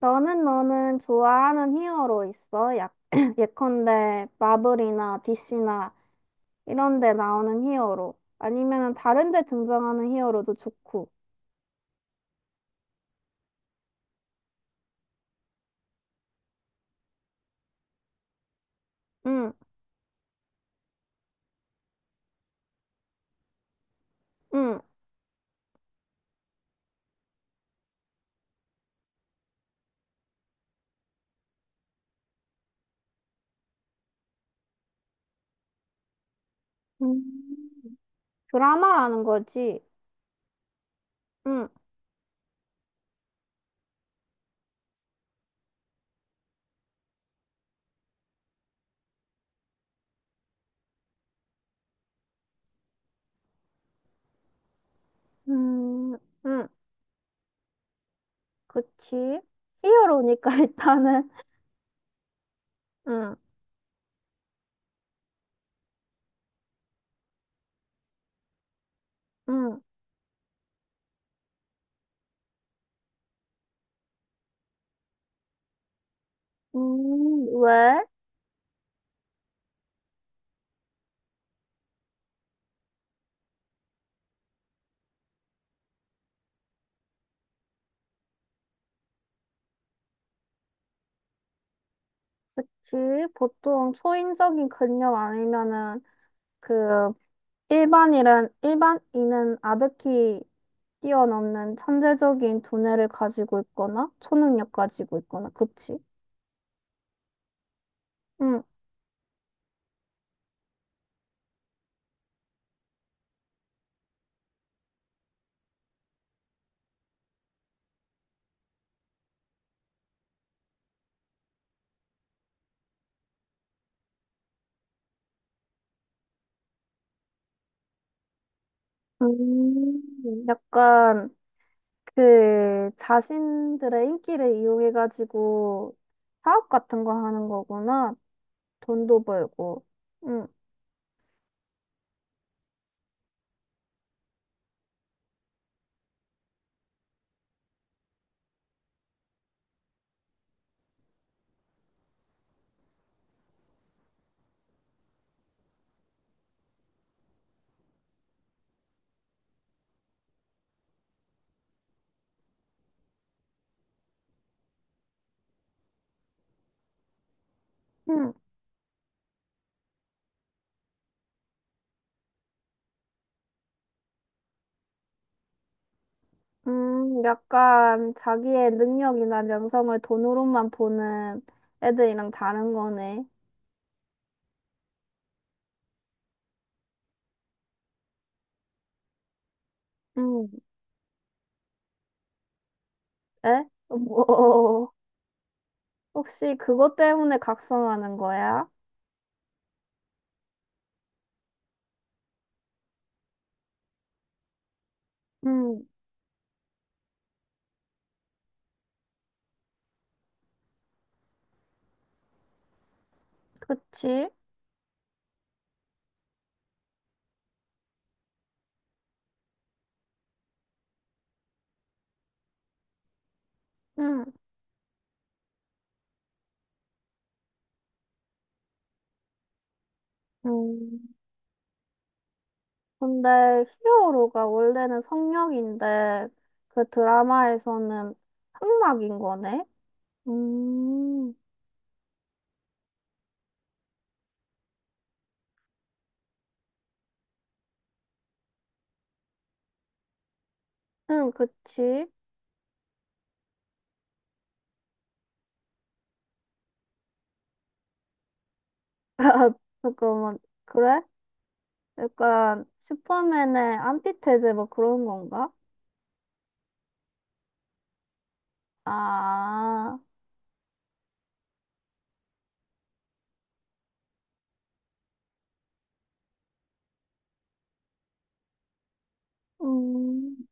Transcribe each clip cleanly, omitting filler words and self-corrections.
너는 좋아하는 히어로 있어? 예컨대 마블이나 DC나 이런 데 나오는 히어로. 아니면은 다른 데 등장하는 히어로도 좋고. 응, 응. 음, 드라마라는 거지. 응, 음, 응. 그치? 히어로니까 일단은. 응, 응. 왜? 그치? 보통 초인적인 근력 아니면은 그 일반인은 아득히 뛰어넘는 천재적인 두뇌를 가지고 있거나 초능력 가지고 있거나, 그치? 응. 약간 그 자신들의 인기를 이용해가지고 사업 같은 거 하는 거구나. 돈도 벌고. 응. 응. 약간 자기의 능력이나 명성을 돈으로만 보는 애들이랑 다른 거네. 응. 에? 뭐. 혹시 그것 때문에 각성하는 거야? 음, 그치? 음, 음, 근데 히어로가 원래는 성역인데 그 드라마에서는 흑막인 거네? 음, 응 그치? 잠깐만, 그래? 약간 슈퍼맨의 안티테제 뭐 그런 건가? 아, 음,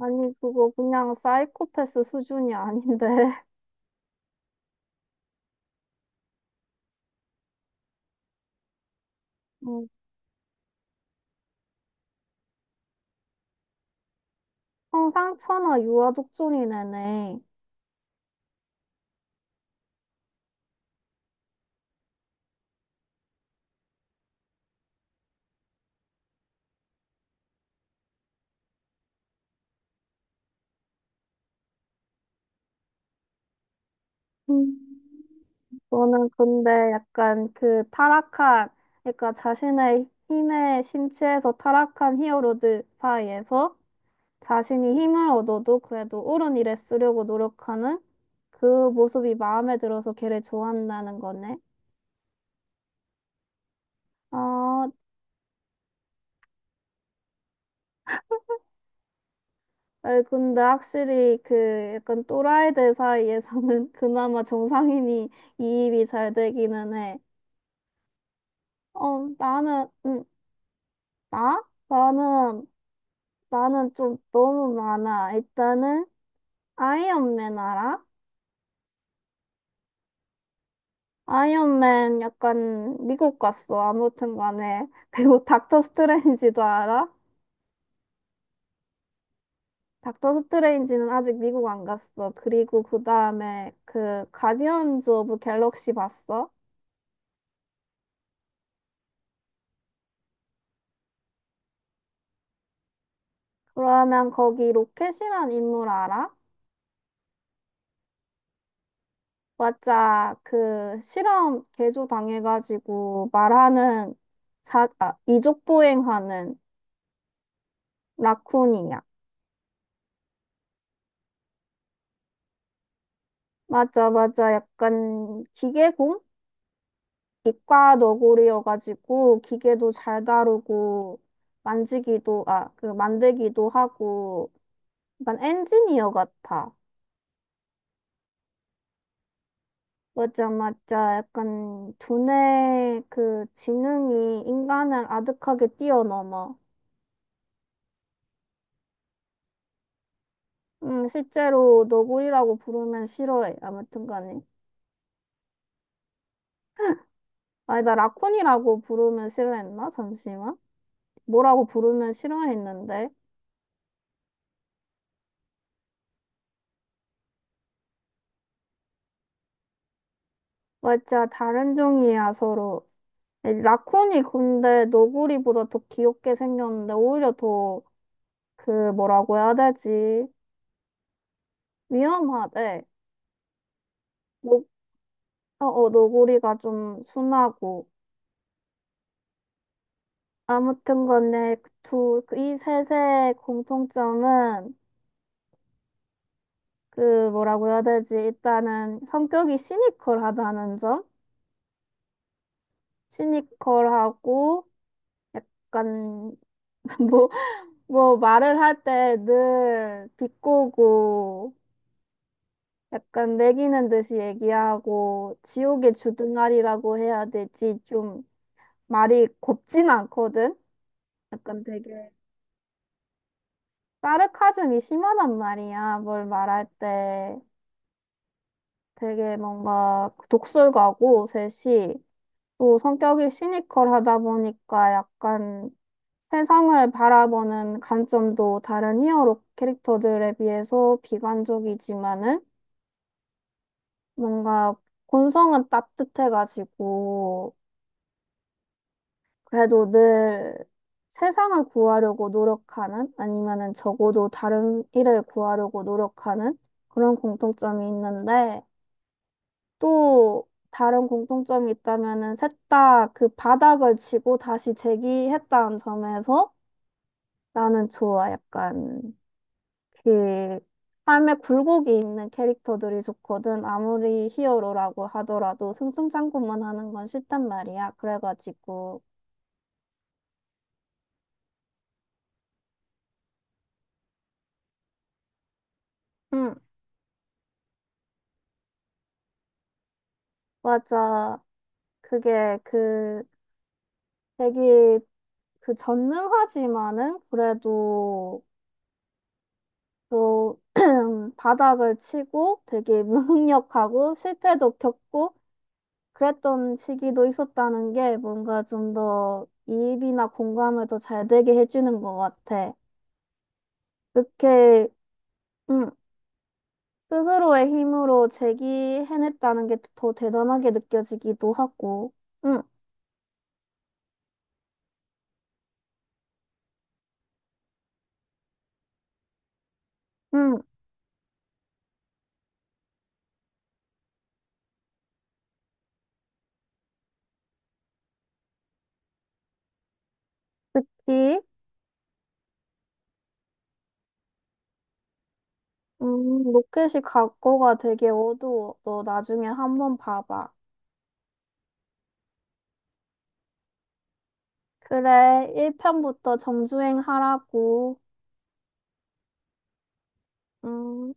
아니 그거 그냥 사이코패스 수준이 아닌데. 청상천하 유아독존이네네. 음. 저는 근데 약간 그 타락한, 그러니까 자신의 힘에 심취해서 타락한 히어로들 사이에서 자신이 힘을 얻어도 그래도 옳은 일에 쓰려고 노력하는 그 모습이 마음에 들어서 걔를 좋아한다는 거네. 아, 아이, 근데 확실히 그 약간 또라이들 사이에서는 그나마 정상인이 이입이 잘 되기는 해. 어, 나는, 나? 나는, 나는 좀 너무 많아. 일단은, 아이언맨 알아? 아이언맨 약간 미국 갔어. 아무튼 간에. 그리고 닥터 스트레인지도 알아? 닥터 스트레인지는 아직 미국 안 갔어. 그리고 그 다음에 그 가디언즈 오브 갤럭시 봤어? 그러면 거기 로켓이란 인물 알아? 맞아 그 실험 개조 당해가지고 말하는 자, 아, 이족 보행하는 라쿤이야. 맞아, 맞아. 약간 기계공? 이과 너구리여가지고 기계도 잘 다루고 만지기도, 아, 그 만들기도 하고 약간 엔지니어 같아. 맞아, 맞아. 약간 두뇌 그 지능이 인간을 아득하게 뛰어넘어. 실제로 너구리라고 부르면 싫어해. 아무튼 간에. 아니, 나 라쿤이라고 부르면 싫어했나? 잠시만. 뭐라고 부르면 싫어했는데? 맞아, 다른 종이야, 서로. 라쿤이 근데 너구리보다 더 귀엽게 생겼는데, 오히려 더, 그, 뭐라고 해야 되지? 위험하대. 너, 어, 어, 너구리가 좀 순하고. 아무튼 간에, 그 두, 그이 셋의 공통점은, 그, 뭐라고 해야 되지? 일단은, 성격이 시니컬하다는 점? 시니컬하고, 약간, 뭐, 뭐, 말을 할 때 늘 비꼬고, 약간 매기는 듯이 얘기하고 지옥의 주둥아리라고 해야 되지 좀 말이 곱진 않거든. 약간 되게 사르카즘이 심하단 말이야. 뭘 말할 때 되게 뭔가 독설가고 셋이 또 성격이 시니컬하다 보니까 약간 세상을 바라보는 관점도 다른 히어로 캐릭터들에 비해서 비관적이지만은 뭔가 본성은 따뜻해가지고 그래도 늘 세상을 구하려고 노력하는 아니면은 적어도 다른 일을 구하려고 노력하는 그런 공통점이 있는데 또 다른 공통점이 있다면은 셋 다 그 바닥을 치고 다시 재기했다는 점에서 나는 좋아. 약간 그 삶에 굴곡이 있는 캐릭터들이 좋거든. 아무리 히어로라고 하더라도 승승장구만 하는 건 싫단 말이야. 그래가지고 응, 맞아. 그게 그 되게 그 전능하지만은 그래도 또 바닥을 치고 되게 무능력하고 실패도 겪고 그랬던 시기도 있었다는 게 뭔가 좀 더 이입이나 공감을 더 잘 되게 해주는 것 같아. 그렇게 음, 스스로의 힘으로 제기해냈다는 게 더 대단하게 느껴지기도 하고. 응, 응, 이 로켓이 각고가 되게 어두워. 너 나중에 한번 봐봐. 그래, 1편부터 정주행 하라고. 음.